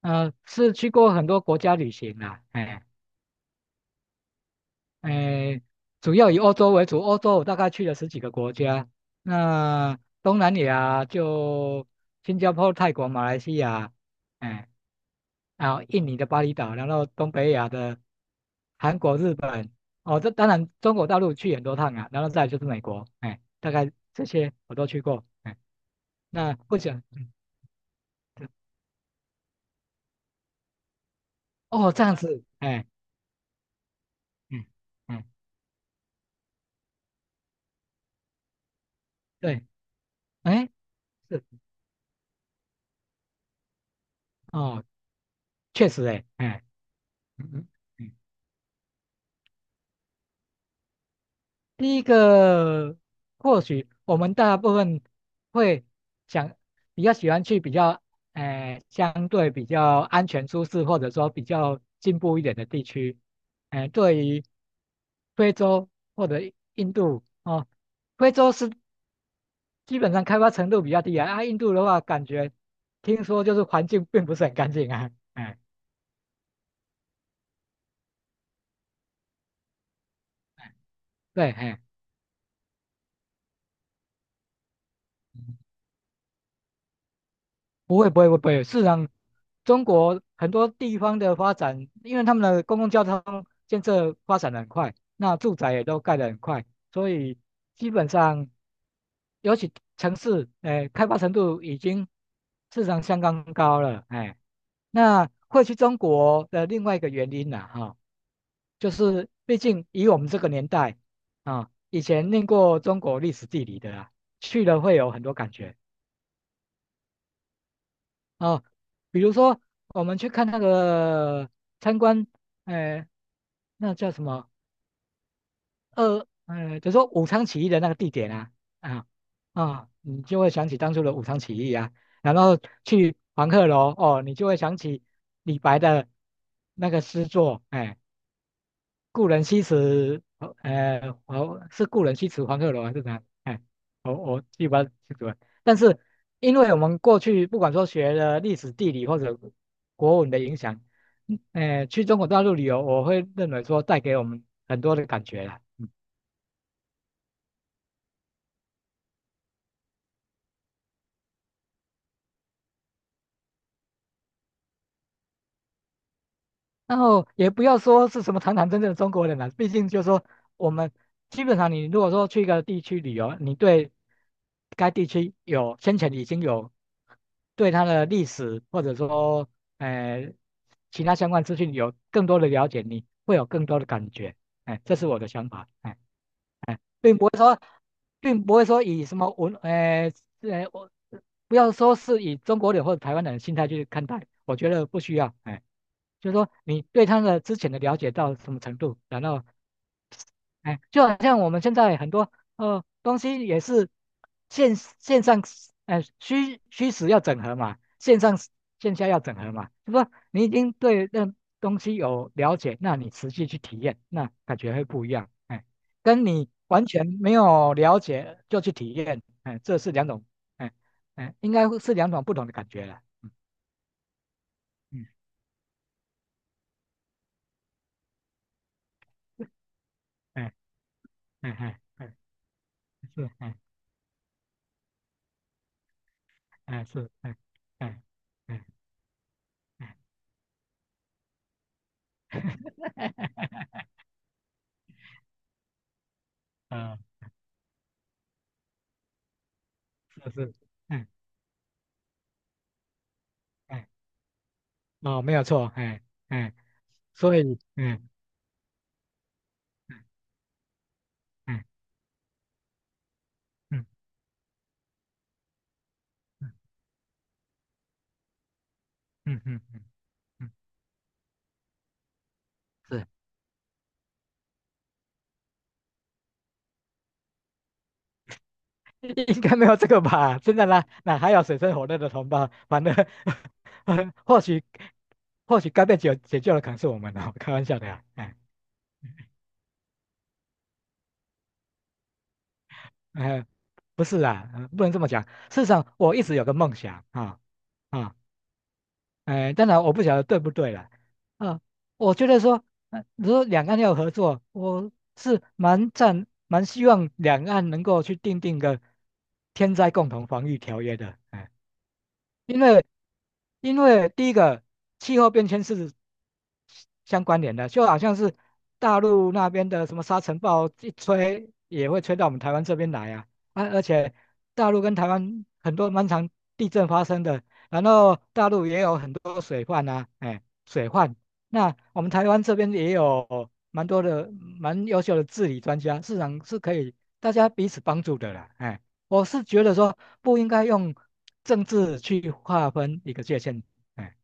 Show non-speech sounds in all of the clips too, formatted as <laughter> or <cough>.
是去过很多国家旅行啦。哎，哎，主要以欧洲为主。欧洲我大概去了十几个国家。那东南亚就新加坡、泰国、马来西亚。哎，然后印尼的巴厘岛，然后东北亚的韩国、日本。哦，这当然中国大陆去很多趟啊，然后再来就是美国。哎，大概这些我都去过。哎，那不讲。嗯，对。哦，这样子。哎，嗯嗯。对。哎。是。哦，确实诶。哎，嗯嗯嗯。第一个或许我们大部分会想比较喜欢去比较，哎、相对比较安全舒适或者说比较进步一点的地区。哎、对于非洲或者印度哦。非洲是基本上开发程度比较低啊。啊，印度的话感觉听说就是环境并不是很干净啊。哎、对。哎。不会不会不会，事实上，中国很多地方的发展，因为他们的公共交通建设发展的很快，那住宅也都盖得很快。所以基本上，尤其城市，哎，开发程度已经市场相当高了。哎，那会去中国的另外一个原因呢，哈，就是毕竟以我们这个年代啊，以前念过中国历史地理的啊，去了会有很多感觉。哦，比如说我们去看那个参观，呃，那叫什么二，就说武昌起义的那个地点啊。啊啊，你就会想起当初的武昌起义啊。然后去黄鹤楼哦，你就会想起李白的那个诗作。哎、故人西辞，我是故人西辞黄鹤楼还是哪？哎，我记不太清楚了。但是因为我们过去不管说学了历史、地理或者国文的影响，去中国大陆旅游，我会认为说带给我们很多的感觉啦。嗯然后也不要说是什么堂堂正正的中国人了。毕竟就是说我们基本上你如果说去一个地区旅游，你对该地区有先前已经有对它的历史或者说呃其他相关资讯有更多的了解，你会有更多的感觉。哎，这是我的想法。哎。哎，并不会说，并不会说以什么文，我不要说是以中国人或者台湾人的心态去看待，我觉得不需要。哎，就是说你对他的之前的了解到什么程度，然后哎，就好像我们现在很多东西也是线上，哎虚虚实要整合嘛，线上线下要整合嘛。就说你已经对那东西有了解，那你实际去体验，那感觉会不一样。哎，跟你完全没有了解就去体验，哎，这是两种。哎哎，应该是两种不同的感觉了。嗯嗯，哎哎哎哎。是哎。哎是哎哎哎，<laughs> 哎。嗯。<laughs> 是是。嗯嗯。哦，没有错。哎哎，所以，嗯嗯嗯嗯嗯嗯嗯嗯。嗯，是。应该没有这个吧？真的啦，哪还有水深火热的同胞？反正，<laughs> 或许该被解救的可能是我们哦。开玩笑的呀、哎。哎，不是啊，不能这么讲。事实上，我一直有个梦想啊。啊、哎，当然我不晓得对不对了。啊，我觉得说，如果两岸要合作，我是蛮赞，蛮希望两岸能够去订定个天灾共同防御条约的。哎。因为因为第一个气候变迁是相关联的，就好像是大陆那边的什么沙尘暴一吹也会吹到我们台湾这边来啊。啊，而且大陆跟台湾很多蛮常地震发生的。然后大陆也有很多水患啊。哎，水患，那我们台湾这边也有蛮多的蛮优秀的治理专家，市场是可以大家彼此帮助的啦。哎。我是觉得说不应该用政治去划分一个界限。哎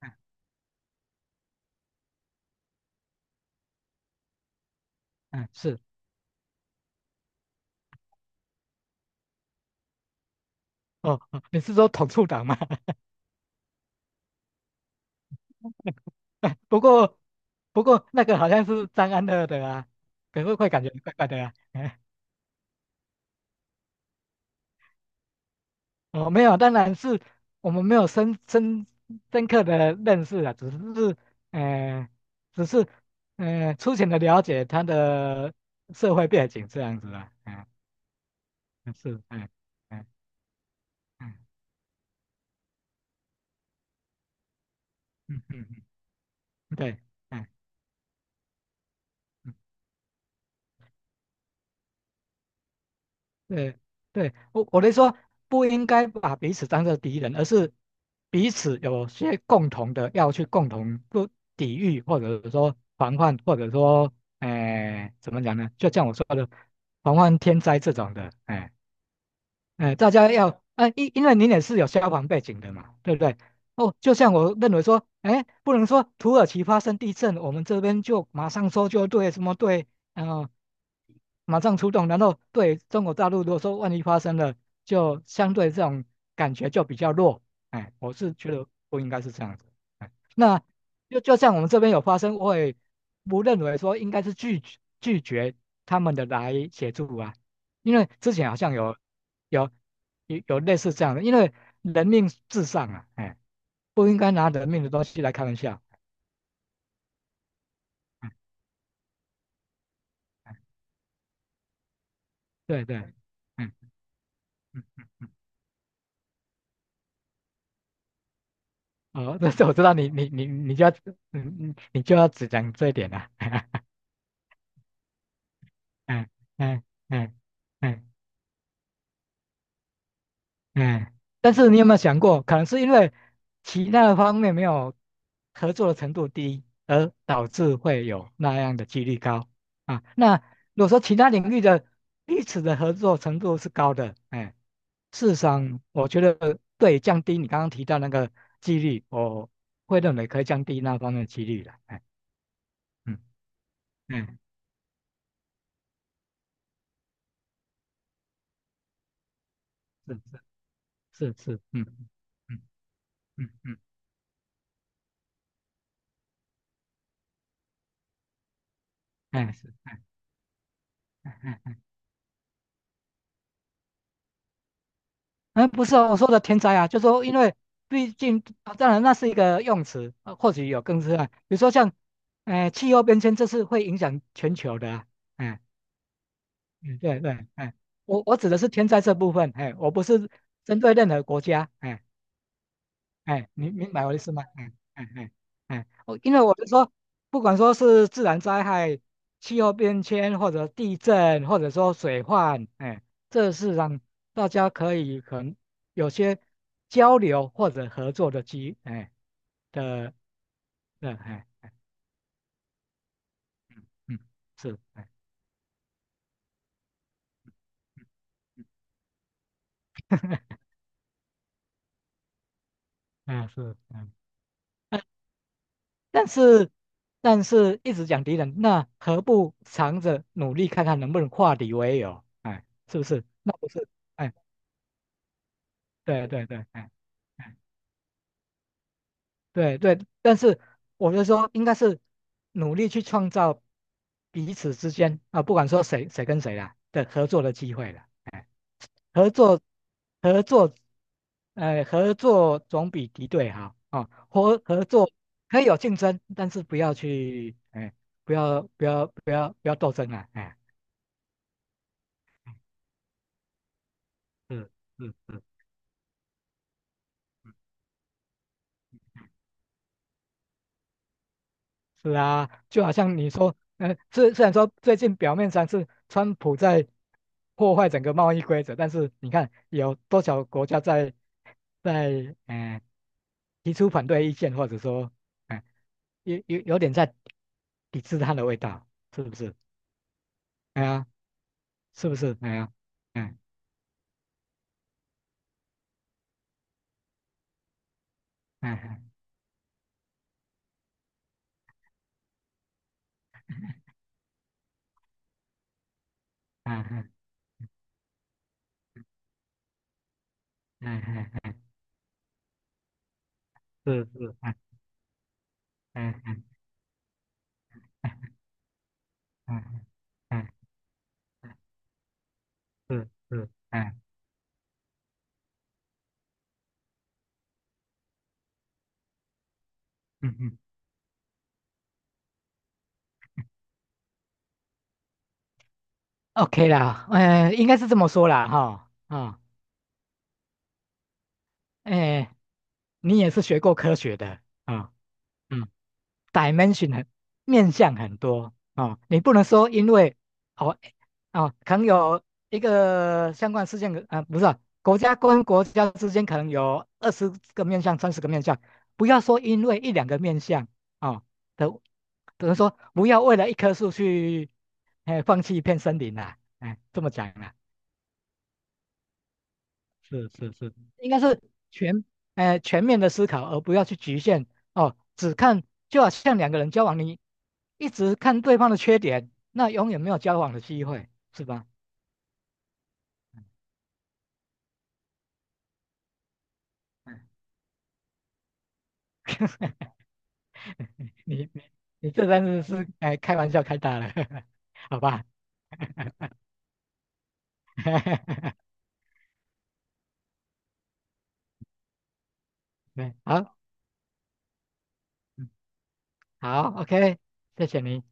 哎哎。是。哦，哦你是说统促党吗？<laughs> 哎不过那个好像是张安乐的啊，可是会感觉怪怪的啊。哎，哦，没有，当然是我们没有深刻的认识啊。只是呃，只是粗浅的了解他的社会背景这样子啊。哎，是。哎哎哎。嗯嗯嗯，对。哎嗯。对对，我的说不应该把彼此当做敌人，而是彼此有些共同的要去共同不抵御，或者说防范，或者说，哎、怎么讲呢？就像我说的，防范天灾这种的。哎、哎、大家要，哎、因为您也是有消防背景的嘛，对不对？哦，就像我认为说，哎，不能说土耳其发生地震，我们这边就马上搜救队什么队。啊、马上出动，然后对中国大陆，如果说万一发生了，就相对这种感觉就比较弱。哎，我是觉得不应该是这样子。哎，那就像我们这边有发生，我也不认为说应该是拒绝他们的来协助啊。因为之前好像有有有类似这样的。因为人命至上啊。哎，不应该拿人命的东西来开玩笑。哎，对对。嗯嗯嗯嗯。<laughs> 哦，但是我知道你就要嗯嗯，你就要只讲这一点啊。<laughs> 嗯嗯嗯嗯嗯，但是你有没有想过，可能是因为其他的方面没有合作的程度低，而导致会有那样的几率高啊？那如果说其他领域的彼此的合作程度是高的，哎，事实上我觉得对降低你刚刚提到那个几率，我会认为可以降低那方面的几率的。哎嗯嗯。是不是。是是。嗯嗯嗯嗯。嗯，哎是。哎哎。哎哎，不是哦，我说的天灾啊。就说因为毕竟啊，当然那是一个用词，啊或许有更深啊，比如说像，哎、气候变迁这是会影响全球的啊。哎，嗯对对。哎，我指的是天灾这部分。哎，我不是针对任何国家。哎。哎，你明白我的意思吗？哎哎哎哎。我因为我是说，不管说是自然灾害、气候变迁，或者地震，或者说水患，哎，这是让大家可以可能有些交流或者合作的机。哎的，的，哎，嗯，是。哎，<laughs> 嗯，是。嗯。但是但是一直讲敌人，那何不藏着努力看看能不能化敌为友？哎，是不是？那不是。哎，对对对。哎，哎对对，但是我就说应该是努力去创造彼此之间啊，不管说谁谁跟谁啦的合作的机会了。哎合作合作。哎，合作总比敌对好啊。合作可以有竞争，但是不要去，哎，不要不要不要不要斗争啊。哎，嗯嗯嗯。是啊，就好像你说，虽然说最近表面上是川普在破坏整个贸易规则。但是你看有多少国家在在呃提出反对意见，或者说，呃，有有点在抵制它的味道，是不是？哎呀，是不是？哎呀，嗯嗯嗯嗯嗯嗯嗯。嗯，是是。嗯嗯嗯嗯嗯嗯。是是。嗯嗯嗯。OK 啦，嗯，应该是这么说啦，哈，啊，哎，你也是学过科学的啊。嗯，dimension 很面向很多啊。你不能说因为哦哦，可能有一个相关事件的，啊，不是啊国家跟国家之间可能有20个面向、30个面向。不要说因为一两个面向啊都等于说不要为了一棵树去，哎，放弃一片森林啦。哎，这么讲啦。是是是，应该是全全面的思考，而不要去局限。哦，只看就好像两个人交往，你一直看对方的缺点，那永远没有交往的机会，是吧？嗯 <laughs> 你你你这真的是哎开玩笑开大了。<laughs> 好吧？<laughs> 对好。嗯好。OK,谢谢你。